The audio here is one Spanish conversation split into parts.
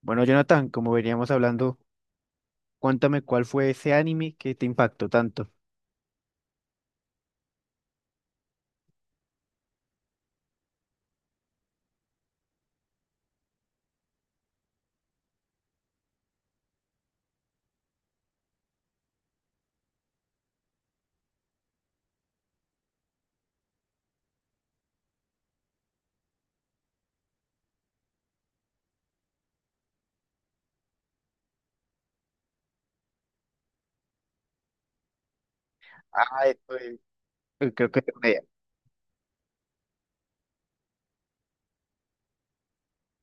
Bueno, Jonathan, como veníamos hablando, cuéntame cuál fue ese anime que te impactó tanto. Ah, esto es- creo que tengo una idea.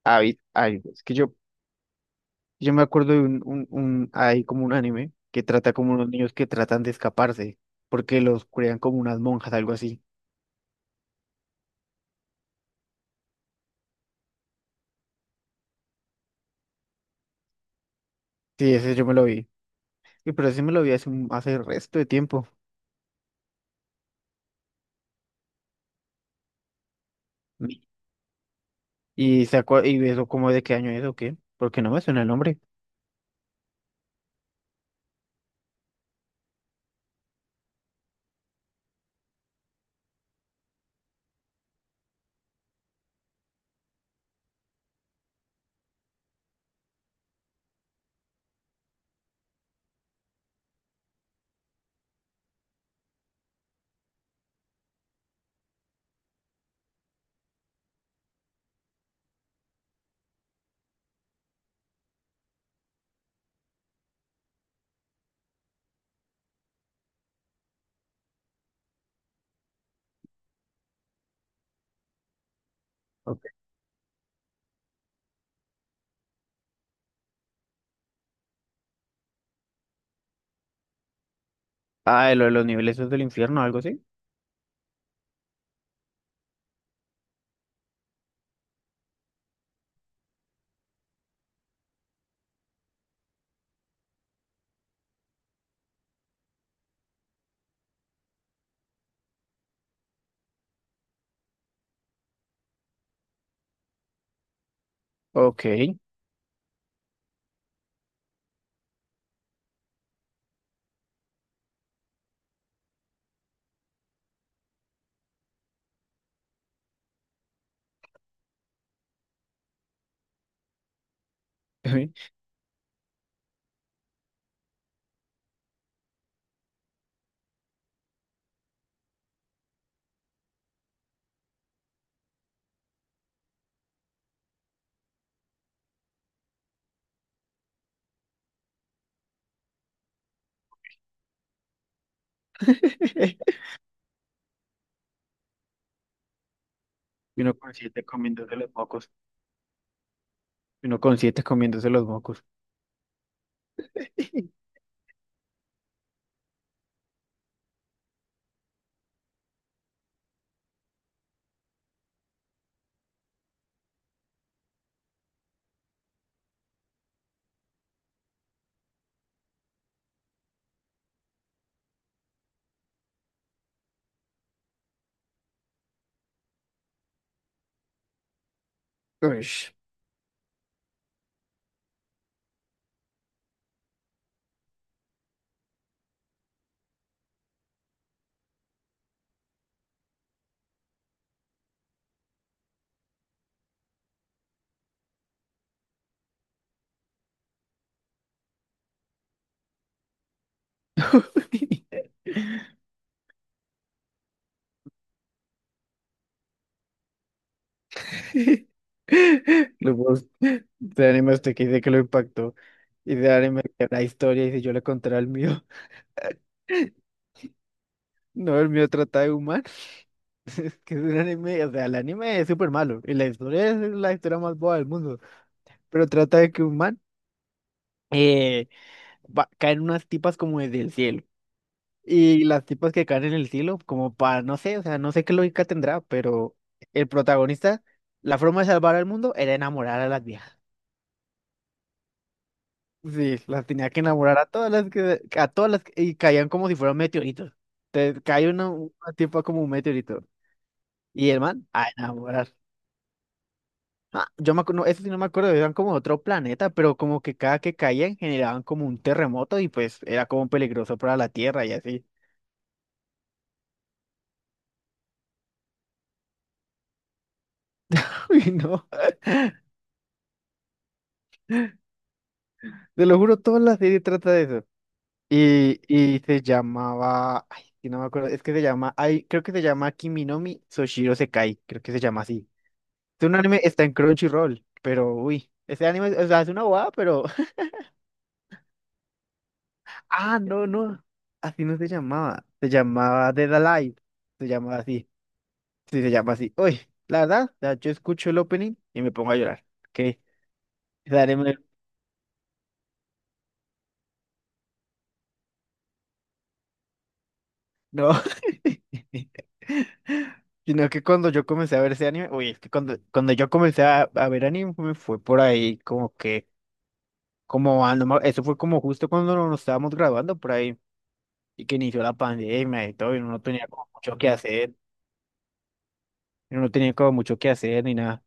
Ah, vi- ay, es que yo, me acuerdo de un, hay como un anime que trata como unos niños que tratan de escaparse, porque los crean como unas monjas, algo así. Sí, ese yo me lo vi. Y pero ese me lo vi hace, un- hace el resto de tiempo. Y, se acua- y eso como de qué año es o qué, porque no me suena el nombre. Ok. Ah, lo de los niveles esos del infierno, algo así. Ok. Y uno con siete comiéndose Y uno con siete comiéndose los mocos. Ush. Los mocos de anime usted que dice que lo impactó, y de anime que la historia, y si yo le contara el mío. No, el mío trata de humanos. Es que es un anime, o sea, el anime es súper malo, y la historia es la historia más boba del mundo, pero trata de que un man eh, va- caen unas tipas como desde el cielo. Y las tipas que caen en el cielo como para, no sé, o sea, no sé qué lógica tendrá, pero el protagonista, la forma de salvar al mundo era enamorar a las viejas. Sí, las tenía que enamorar a a todas las que- y caían como si fueran meteoritos. Te cae una tipa como un meteorito. Y el man, a enamorar. Ah, yo me acuerdo, eso sí no me acuerdo, eran como de otro planeta, pero como que cada que caían generaban como un terremoto y pues era como peligroso para la Tierra y así. Uy, no, te lo juro, toda la serie trata de eso. Y se llamaba, ay, sí, no me acuerdo, es que se llama, ay, creo que se llama Kiminomi Soshiro Sekai, creo que se llama así. Es un anime, está en Crunchyroll, pero uy, ese anime, o sea, es una bobada, pero, ah, no, no, así no se llamaba, se llamaba Dead Alive, se llamaba así, sí, se llama así. Uy, la verdad, o sea, yo escucho el opening y me pongo a llorar. Que no. Sino que cuando yo comencé a ver ese anime, uy, es que cuando yo comencé a ver anime fue por ahí como que, como, ah, no me- eso fue como justo cuando no, nos estábamos graduando por ahí y que inició la pandemia y todo y uno no tenía como mucho que hacer, y uno no tenía como mucho que hacer ni nada.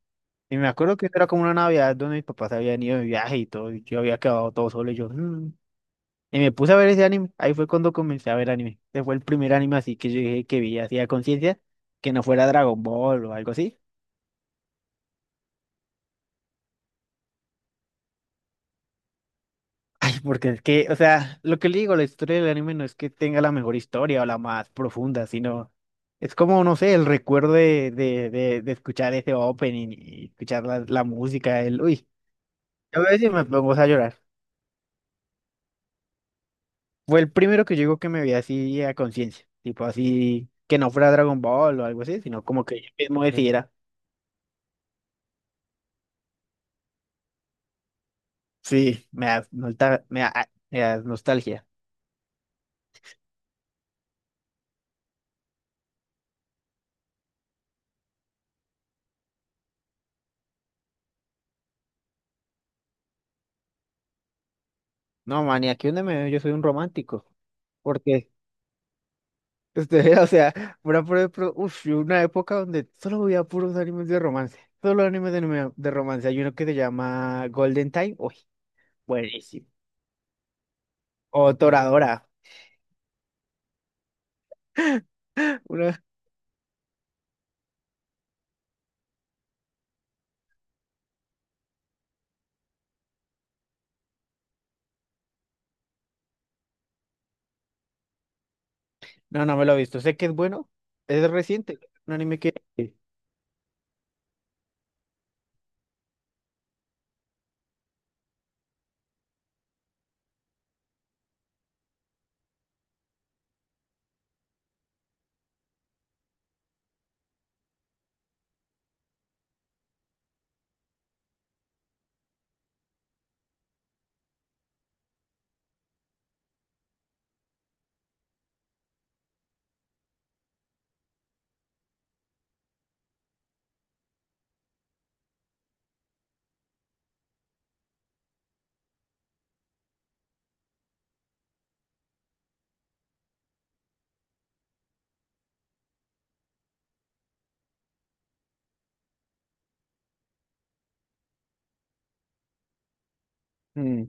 Y me acuerdo que era como una Navidad donde mis papás habían ido de viaje y todo y yo había quedado todo solo y yo, "Mm". Y me puse a ver ese anime. Ahí fue cuando comencé a ver anime. Ese fue el primer anime así que yo dije que vi así a conciencia, que no fuera Dragon Ball o algo así. Ay, porque es que, o sea, lo que le digo, la historia del anime no es que tenga la mejor historia o la más profunda, sino es como, no sé, el recuerdo de escuchar ese opening y escuchar la música, el, uy, a veces sí me pongo a llorar. Fue el primero que yo digo que me vi así a conciencia, tipo así, que no fuera Dragon Ball o algo así, sino como que yo mismo decidiera. Sí, me da, nolta- me da nostalgia. No, man, y aquí donde me veo, yo soy un romántico. Porque, este, o sea, pura, pura- pura- uf, y una época donde solo veía puros animes de romance. Solo animes de, anime- de romance. Hay uno que se llama Golden Time. Uy, buenísimo. O Toradora. Una- no, no me lo he visto. Sé que es bueno. Es reciente. Un anime que. Mm.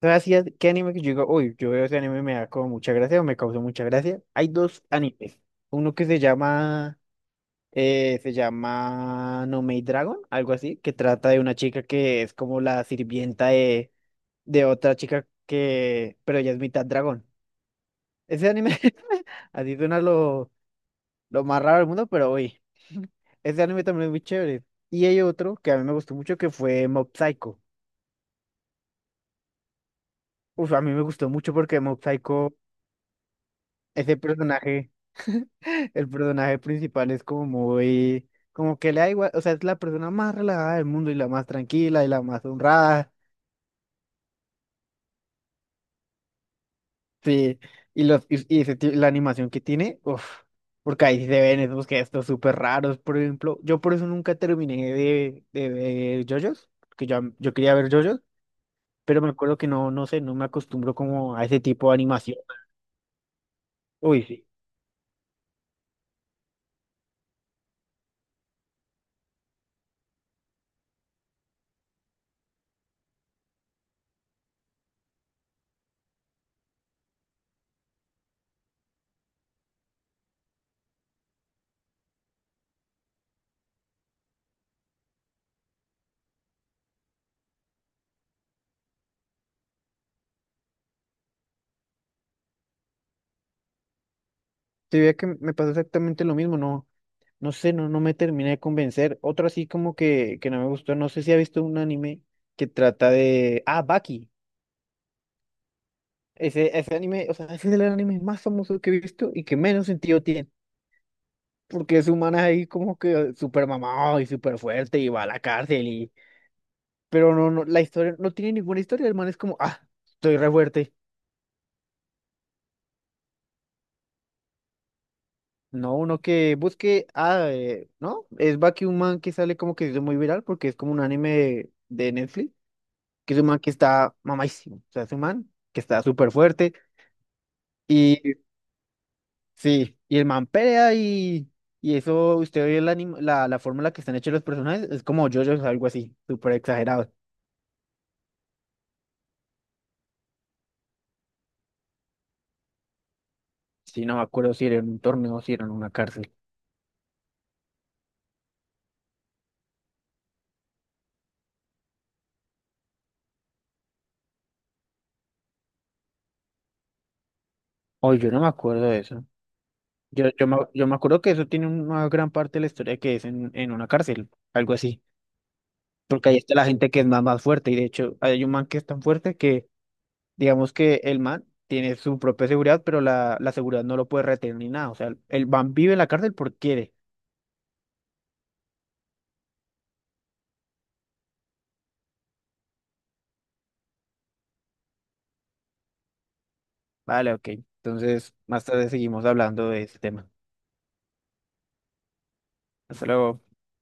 ¿Sabes si qué anime que yo digo? Uy, yo veo ese anime y me da como mucha gracia o me causó mucha gracia. Hay dos animes. Uno que se llama. Se llama No Maid Dragon, algo así, que trata de una chica que es como la sirvienta de otra chica que, pero ella es mitad dragón. Ese anime, así suena lo más raro del mundo, pero uy, ese anime también es muy chévere. Y hay otro que a mí me gustó mucho que fue Mob Psycho. Uf, a mí me gustó mucho porque Mob Psycho, ese personaje, el personaje principal es como muy, como que le da igual, o sea, es la persona más relajada del mundo y la más tranquila y la más honrada. Sí, ese ti- la animación que tiene, uff, porque ahí sí se ven esos gestos súper raros, por ejemplo. Yo por eso nunca terminé de ver JoJo's, que yo, quería ver JoJo's, pero me acuerdo que no, no sé, no me acostumbro como a ese tipo de animación. Uy, sí. Sí, veía que me pasó exactamente lo mismo, no, no sé, no, no me terminé de convencer. Otro así como que no me gustó, no sé si ha visto un anime que trata de... Ah, Baki. Ese anime, o sea, ese es el anime más famoso que he visto y que menos sentido tiene. Porque ese humana es ahí como que súper mamado y súper fuerte y va a la cárcel y... Pero no, no, la historia, no tiene ninguna historia, el man es como, ah, estoy re fuerte. No, uno que busque, ah, ¿no? Es Baki un man que sale como que se hizo muy viral porque es como un anime de Netflix, que es un man que está mamadísimo, o sea, es un man que está súper fuerte y sí, y el man pelea y... Y eso, usted ve el anim- la forma en la que están hechos los personajes, es como JoJo's, algo así, súper exagerado. Sí, no me acuerdo si era en un torneo o si era en una cárcel. Hoy yo no me acuerdo de eso. Yo me acuerdo que eso tiene una gran parte de la historia que es en una cárcel, algo así. Porque ahí está la gente que es más, más fuerte. Y de hecho, hay un man que es tan fuerte que, digamos que el man tiene su propia seguridad, pero la seguridad no lo puede retener ni nada. O sea, el man vive en la cárcel porque quiere. Vale, ok. Entonces, más tarde seguimos hablando de ese tema. Hasta luego.